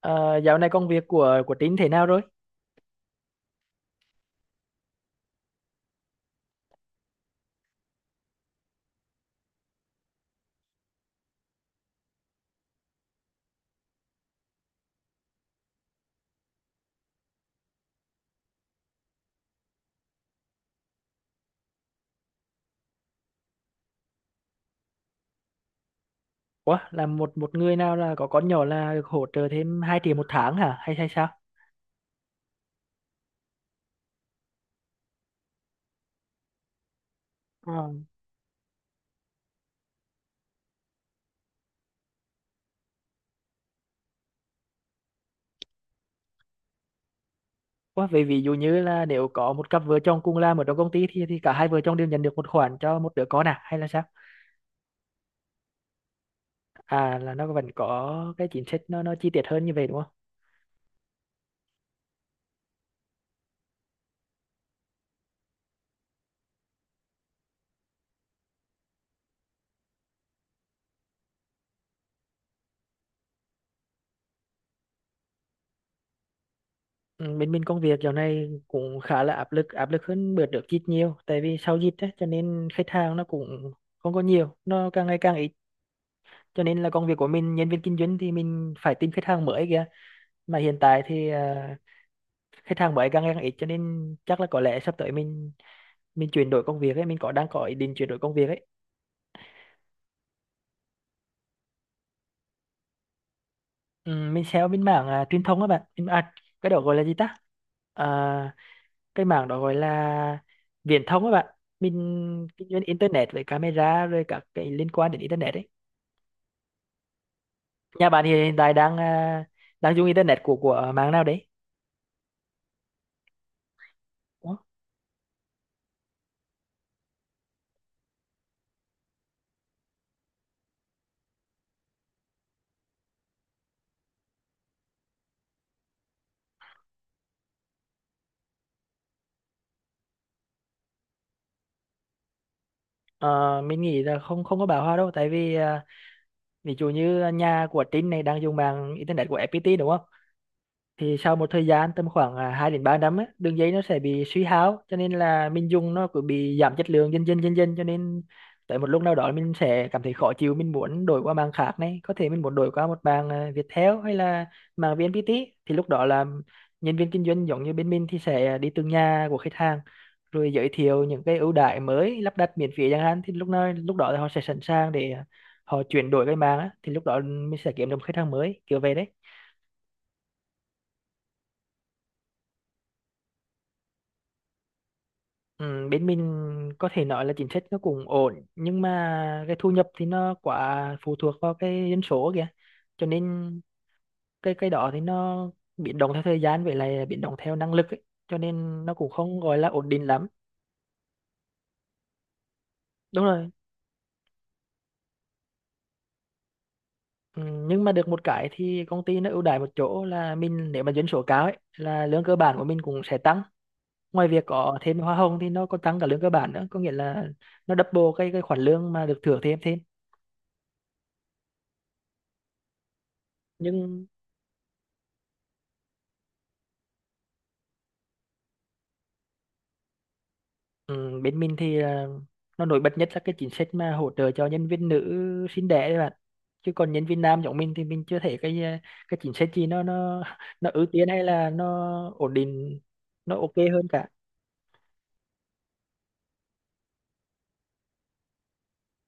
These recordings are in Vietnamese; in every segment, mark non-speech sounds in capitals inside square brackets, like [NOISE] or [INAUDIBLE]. Ờ, Dạo này công việc của Tín thế nào rồi? Ủa, là một một người nào là có con nhỏ là được hỗ trợ thêm 2 triệu một tháng hả? Hay hay sao? Ờ. Ủa, vậy ví dụ như là nếu có một cặp vợ chồng cùng làm ở trong công ty thì cả hai vợ chồng đều nhận được một khoản cho một đứa con à? Hay là sao? À, là nó vẫn có cái chính sách nó chi tiết hơn như vậy đúng không? Ừ, bên bên công việc dạo này cũng khá là áp lực hơn bữa trước ít nhiều, tại vì sau dịch á cho nên khách hàng nó cũng không có nhiều, nó càng ngày càng ít, cho nên là công việc của mình, nhân viên kinh doanh thì mình phải tìm khách hàng mới kìa. Mà hiện tại thì khách hàng mới càng ngày càng ít, cho nên chắc là có lẽ sắp tới mình chuyển đổi công việc ấy, mình có đang có ý định chuyển đổi công việc ấy. Ừ, mình sẽ bên mảng truyền thông á bạn. Cái đó gọi là gì ta? à, cái mảng đó gọi là viễn thông á bạn, mình kinh doanh internet với camera rồi các cái liên quan đến internet ấy. Nhà bạn thì hiện tại đang đang dùng internet của mạng nào đấy? Ủa? Ờ, mình nghĩ là không không có bão hòa đâu, tại vì ví dụ như nhà của Trinh này đang dùng mạng internet của FPT đúng không, thì sau một thời gian tầm khoảng 2 đến 3 năm á, đường dây nó sẽ bị suy hao cho nên là mình dùng nó cứ bị giảm chất lượng dần dần dần dần, cho nên tới một lúc nào đó mình sẽ cảm thấy khó chịu, mình muốn đổi qua mạng khác này, có thể mình muốn đổi qua một mạng Viettel hay là mạng VNPT. Thì lúc đó là nhân viên kinh doanh giống như bên mình thì sẽ đi từng nhà của khách hàng, rồi giới thiệu những cái ưu đãi mới, lắp đặt miễn phí chẳng hạn, thì lúc nào lúc đó là họ sẽ sẵn sàng để họ chuyển đổi cái mạng á, thì lúc đó mình sẽ kiếm được một khách hàng mới kiểu về đấy. Ừ, bên mình có thể nói là chính sách nó cũng ổn, nhưng mà cái thu nhập thì nó quá phụ thuộc vào cái dân số kìa, cho nên cái đó thì nó biến động theo thời gian, vậy là biến động theo năng lực ấy. Cho nên nó cũng không gọi là ổn định lắm. Đúng rồi. Ừ, nhưng mà được một cái thì công ty nó ưu đãi một chỗ là mình, nếu mà dân số cao ấy là lương cơ bản của mình cũng sẽ tăng, ngoài việc có thêm hoa hồng thì nó còn tăng cả lương cơ bản nữa, có nghĩa là nó double cái khoản lương mà được thưởng thêm thêm Nhưng... Ừ, bên mình thì nó nổi bật nhất là cái chính sách mà hỗ trợ cho nhân viên nữ sinh đẻ đấy bạn, chứ còn nhân viên nam giống mình thì mình chưa thấy cái cái chính sách gì nó [LAUGHS] nó ưu tiên hay là nó ổn định, nó ok hơn cả.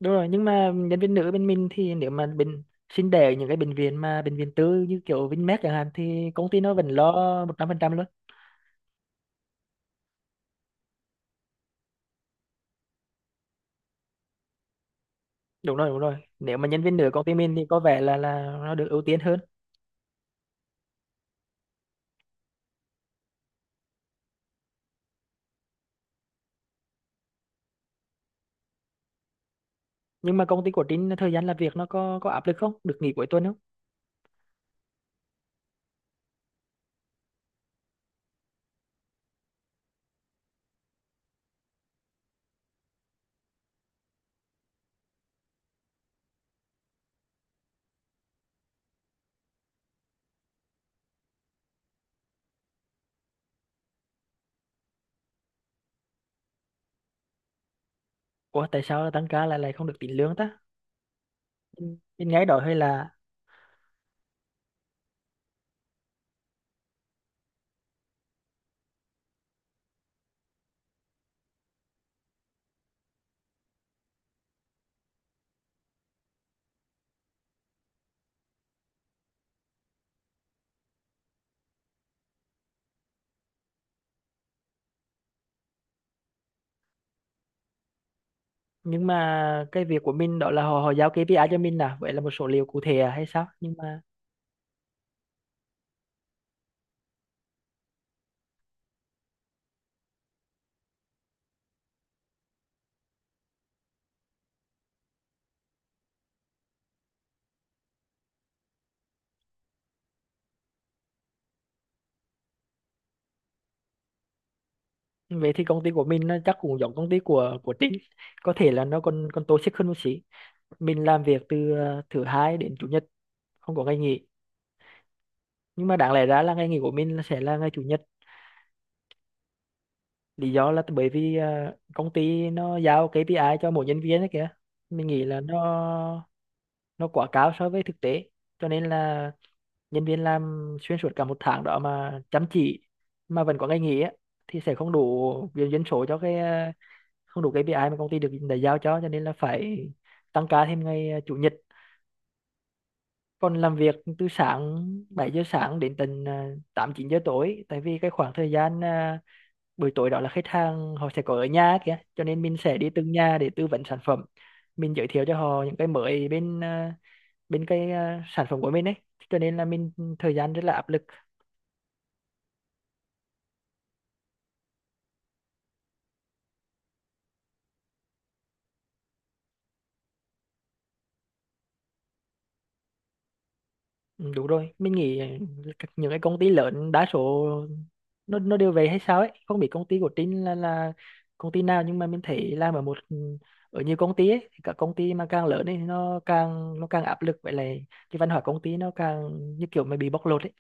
Đúng rồi, nhưng mà nhân viên nữ bên mình thì nếu mà bệnh sinh đẻ ở những cái bệnh viện, mà bệnh viện tư như kiểu Vinmec chẳng hạn, thì công ty nó vẫn lo 100% luôn. Đúng rồi, đúng rồi, nếu mà nhân viên nữ công ty mình thì có vẻ là nó được ưu tiên hơn. Nhưng mà công ty của Trinh thời gian làm việc nó có áp lực không, được nghỉ cuối tuần không? Ủa, tại sao tăng ca lại lại không được tính lương ta? Mình nghe đó hơi là... Nhưng mà cái việc của mình đó là họ họ giao KPI cho mình vậy là một số liệu cụ thể à hay sao? Nhưng mà về thì công ty của mình nó chắc cũng giống công ty của Trinh, có thể là nó còn còn toxic hơn một xí. Mình làm việc từ thứ hai đến chủ nhật, không có ngày nghỉ. Nhưng mà đáng lẽ ra là ngày nghỉ của mình là sẽ là ngày chủ nhật. Lý do là bởi vì công ty nó giao KPI cho mỗi nhân viên đấy kìa. Mình nghĩ là nó quá cao so với thực tế, cho nên là nhân viên làm xuyên suốt cả một tháng đó mà chăm chỉ mà vẫn có ngày nghỉ á, thì sẽ không đủ viên dân số cho cái không đủ cái KPI mà công ty được đã giao cho nên là phải tăng ca thêm ngày chủ nhật, còn làm việc từ sáng 7 giờ sáng đến tận 8 9 giờ tối, tại vì cái khoảng thời gian buổi tối đó là khách hàng họ sẽ có ở nhà ấy kìa, cho nên mình sẽ đi từng nhà để tư vấn sản phẩm, mình giới thiệu cho họ những cái mới bên bên cái sản phẩm của mình ấy, cho nên là mình thời gian rất là áp lực. Ừ, đúng rồi, mình nghĩ những cái công ty lớn đa số nó đều vậy hay sao ấy, không biết công ty của Trinh là công ty nào, nhưng mà mình thấy làm ở một ở nhiều công ty ấy thì các công ty mà càng lớn ấy nó càng áp lực, vậy là cái văn hóa công ty nó càng như kiểu mà bị bóc lột ấy.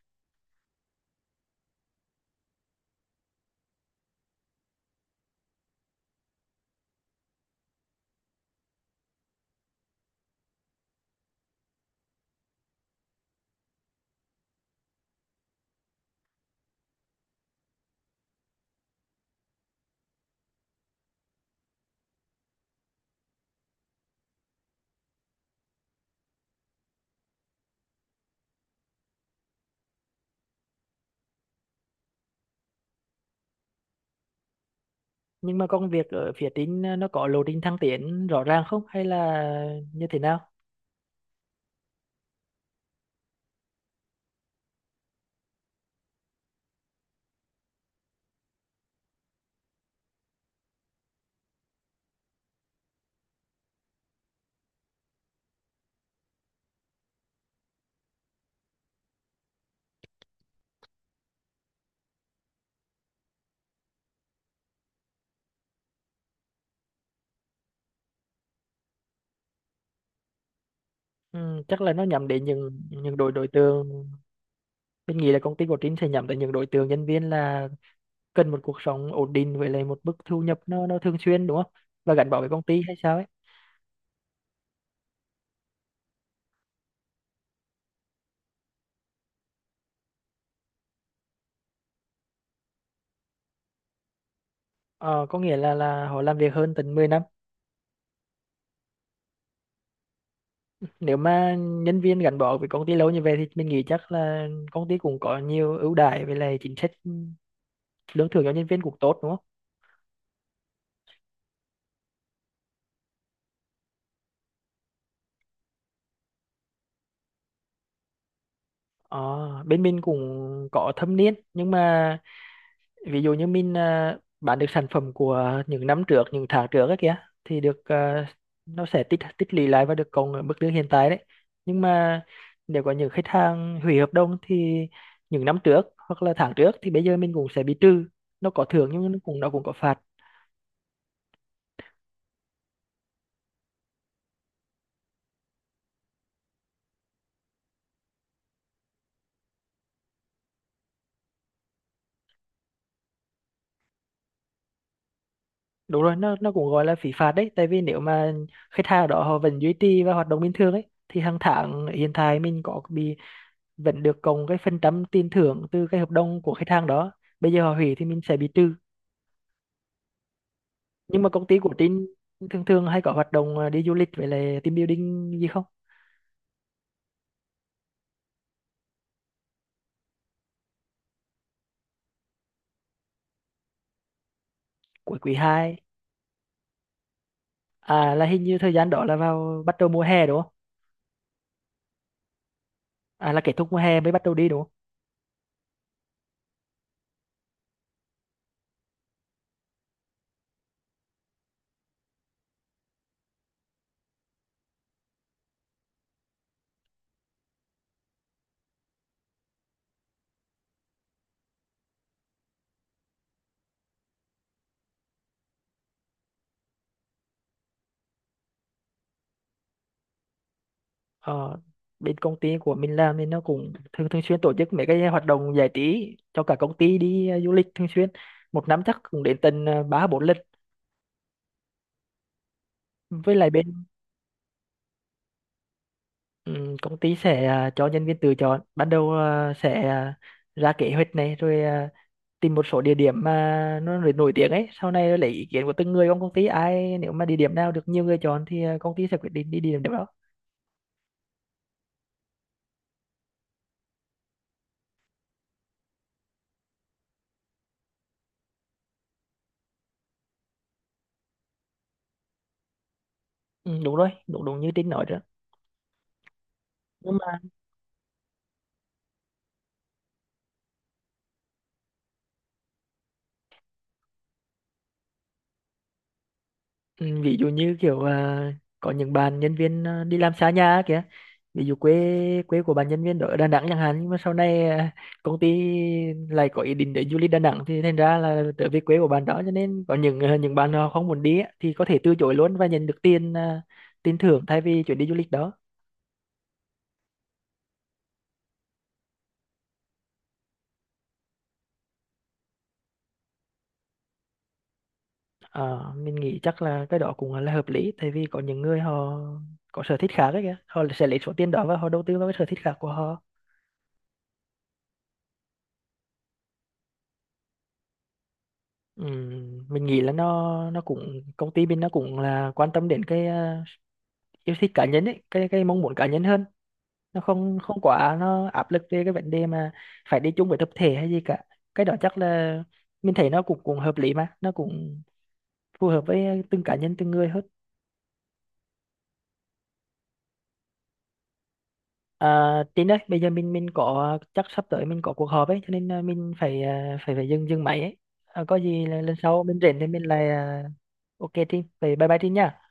Nhưng mà công việc ở phía Trinh nó có lộ trình thăng tiến rõ ràng không, hay là như thế nào? Ừ, Chắc là nó nhắm đến những đối đối tượng Mình nghĩ là công ty của Trinh sẽ nhắm tới những đối tượng nhân viên là cần một cuộc sống ổn định với lại một mức thu nhập nó thường xuyên đúng không, và gắn bó với công ty hay sao ấy. Ờ, có nghĩa là họ làm việc hơn tận 10 năm. Nếu mà nhân viên gắn bó với công ty lâu như vậy thì mình nghĩ chắc là công ty cũng có nhiều ưu đãi với lại chính sách lương thưởng cho nhân viên cũng tốt đúng không? Ờ, Bên mình cũng có thâm niên, nhưng mà ví dụ như mình bán được sản phẩm của những năm trước, những tháng trước ấy kìa, thì được nó sẽ tích tích lũy lại và được cộng ở mức lương hiện tại đấy. Nhưng mà nếu có những khách hàng hủy hợp đồng thì những năm trước hoặc là tháng trước thì bây giờ mình cũng sẽ bị trừ, nó có thưởng nhưng nó cũng có phạt. Đúng rồi, nó cũng gọi là phí phạt đấy, tại vì nếu mà khách hàng đó họ vẫn duy trì và hoạt động bình thường ấy thì hàng tháng hiện tại mình có bị... vẫn được cộng cái phần trăm tiền thưởng từ cái hợp đồng của khách hàng đó, bây giờ họ hủy thì mình sẽ bị trừ. Nhưng mà công ty của Trinh thường thường hay có hoạt động đi du lịch với lại team building gì không? Cuối quý hai? À, là hình như thời gian đó là vào bắt đầu mùa hè đúng không? À, là kết thúc mùa hè mới bắt đầu đi đúng không? ờ, Bên công ty của mình làm thì nó cũng thường thường xuyên tổ chức mấy cái hoạt động giải trí cho cả công ty đi du lịch thường xuyên, một năm chắc cũng đến tận ba bốn lần. Với lại bên... ừ, công ty sẽ cho nhân viên tự chọn, ban đầu sẽ ra kế hoạch này, rồi tìm một số địa điểm mà nó nổi nổi tiếng ấy, sau này lấy ý kiến của từng người trong công ty, ai nếu mà địa điểm nào được nhiều người chọn thì công ty sẽ quyết định đi địa điểm đó. Ừ, Đúng rồi, đúng đúng như Trinh nói đó. Nhưng mà ừ, ví dụ như kiểu có những bạn nhân viên đi làm xa nhà kìa, ví dụ quê quê của bạn nhân viên đó ở Đà Nẵng chẳng hạn, nhưng mà sau này công ty lại có ý định để du lịch Đà Nẵng thì thành ra là trở về quê của bạn đó, cho nên có những bạn họ không muốn đi á, thì có thể từ chối luôn và nhận được tiền thưởng thay vì chuyến đi du lịch đó. Ờ, mình nghĩ chắc là cái đó cũng là hợp lý, tại vì có những người họ có sở thích khác ấy kìa, họ sẽ lấy số tiền đó và họ đầu tư vào cái sở thích khác của họ. Mình nghĩ là nó cũng, công ty bên nó cũng là quan tâm đến cái yêu thích cá nhân ấy, cái mong muốn cá nhân hơn, nó không không quá nó áp lực về cái vấn đề mà phải đi chung với tập thể hay gì cả. Cái đó chắc là mình thấy nó cũng cũng hợp lý mà nó cũng phù hợp với từng cá nhân từng người hơn. À, Tin ơi, bây giờ mình có chắc sắp tới mình có cuộc họp ấy, cho nên mình phải phải phải dừng dừng máy ấy. À, có gì là lần sau mình rảnh thì mình lại ok Tin, vậy bye bye Tin nha.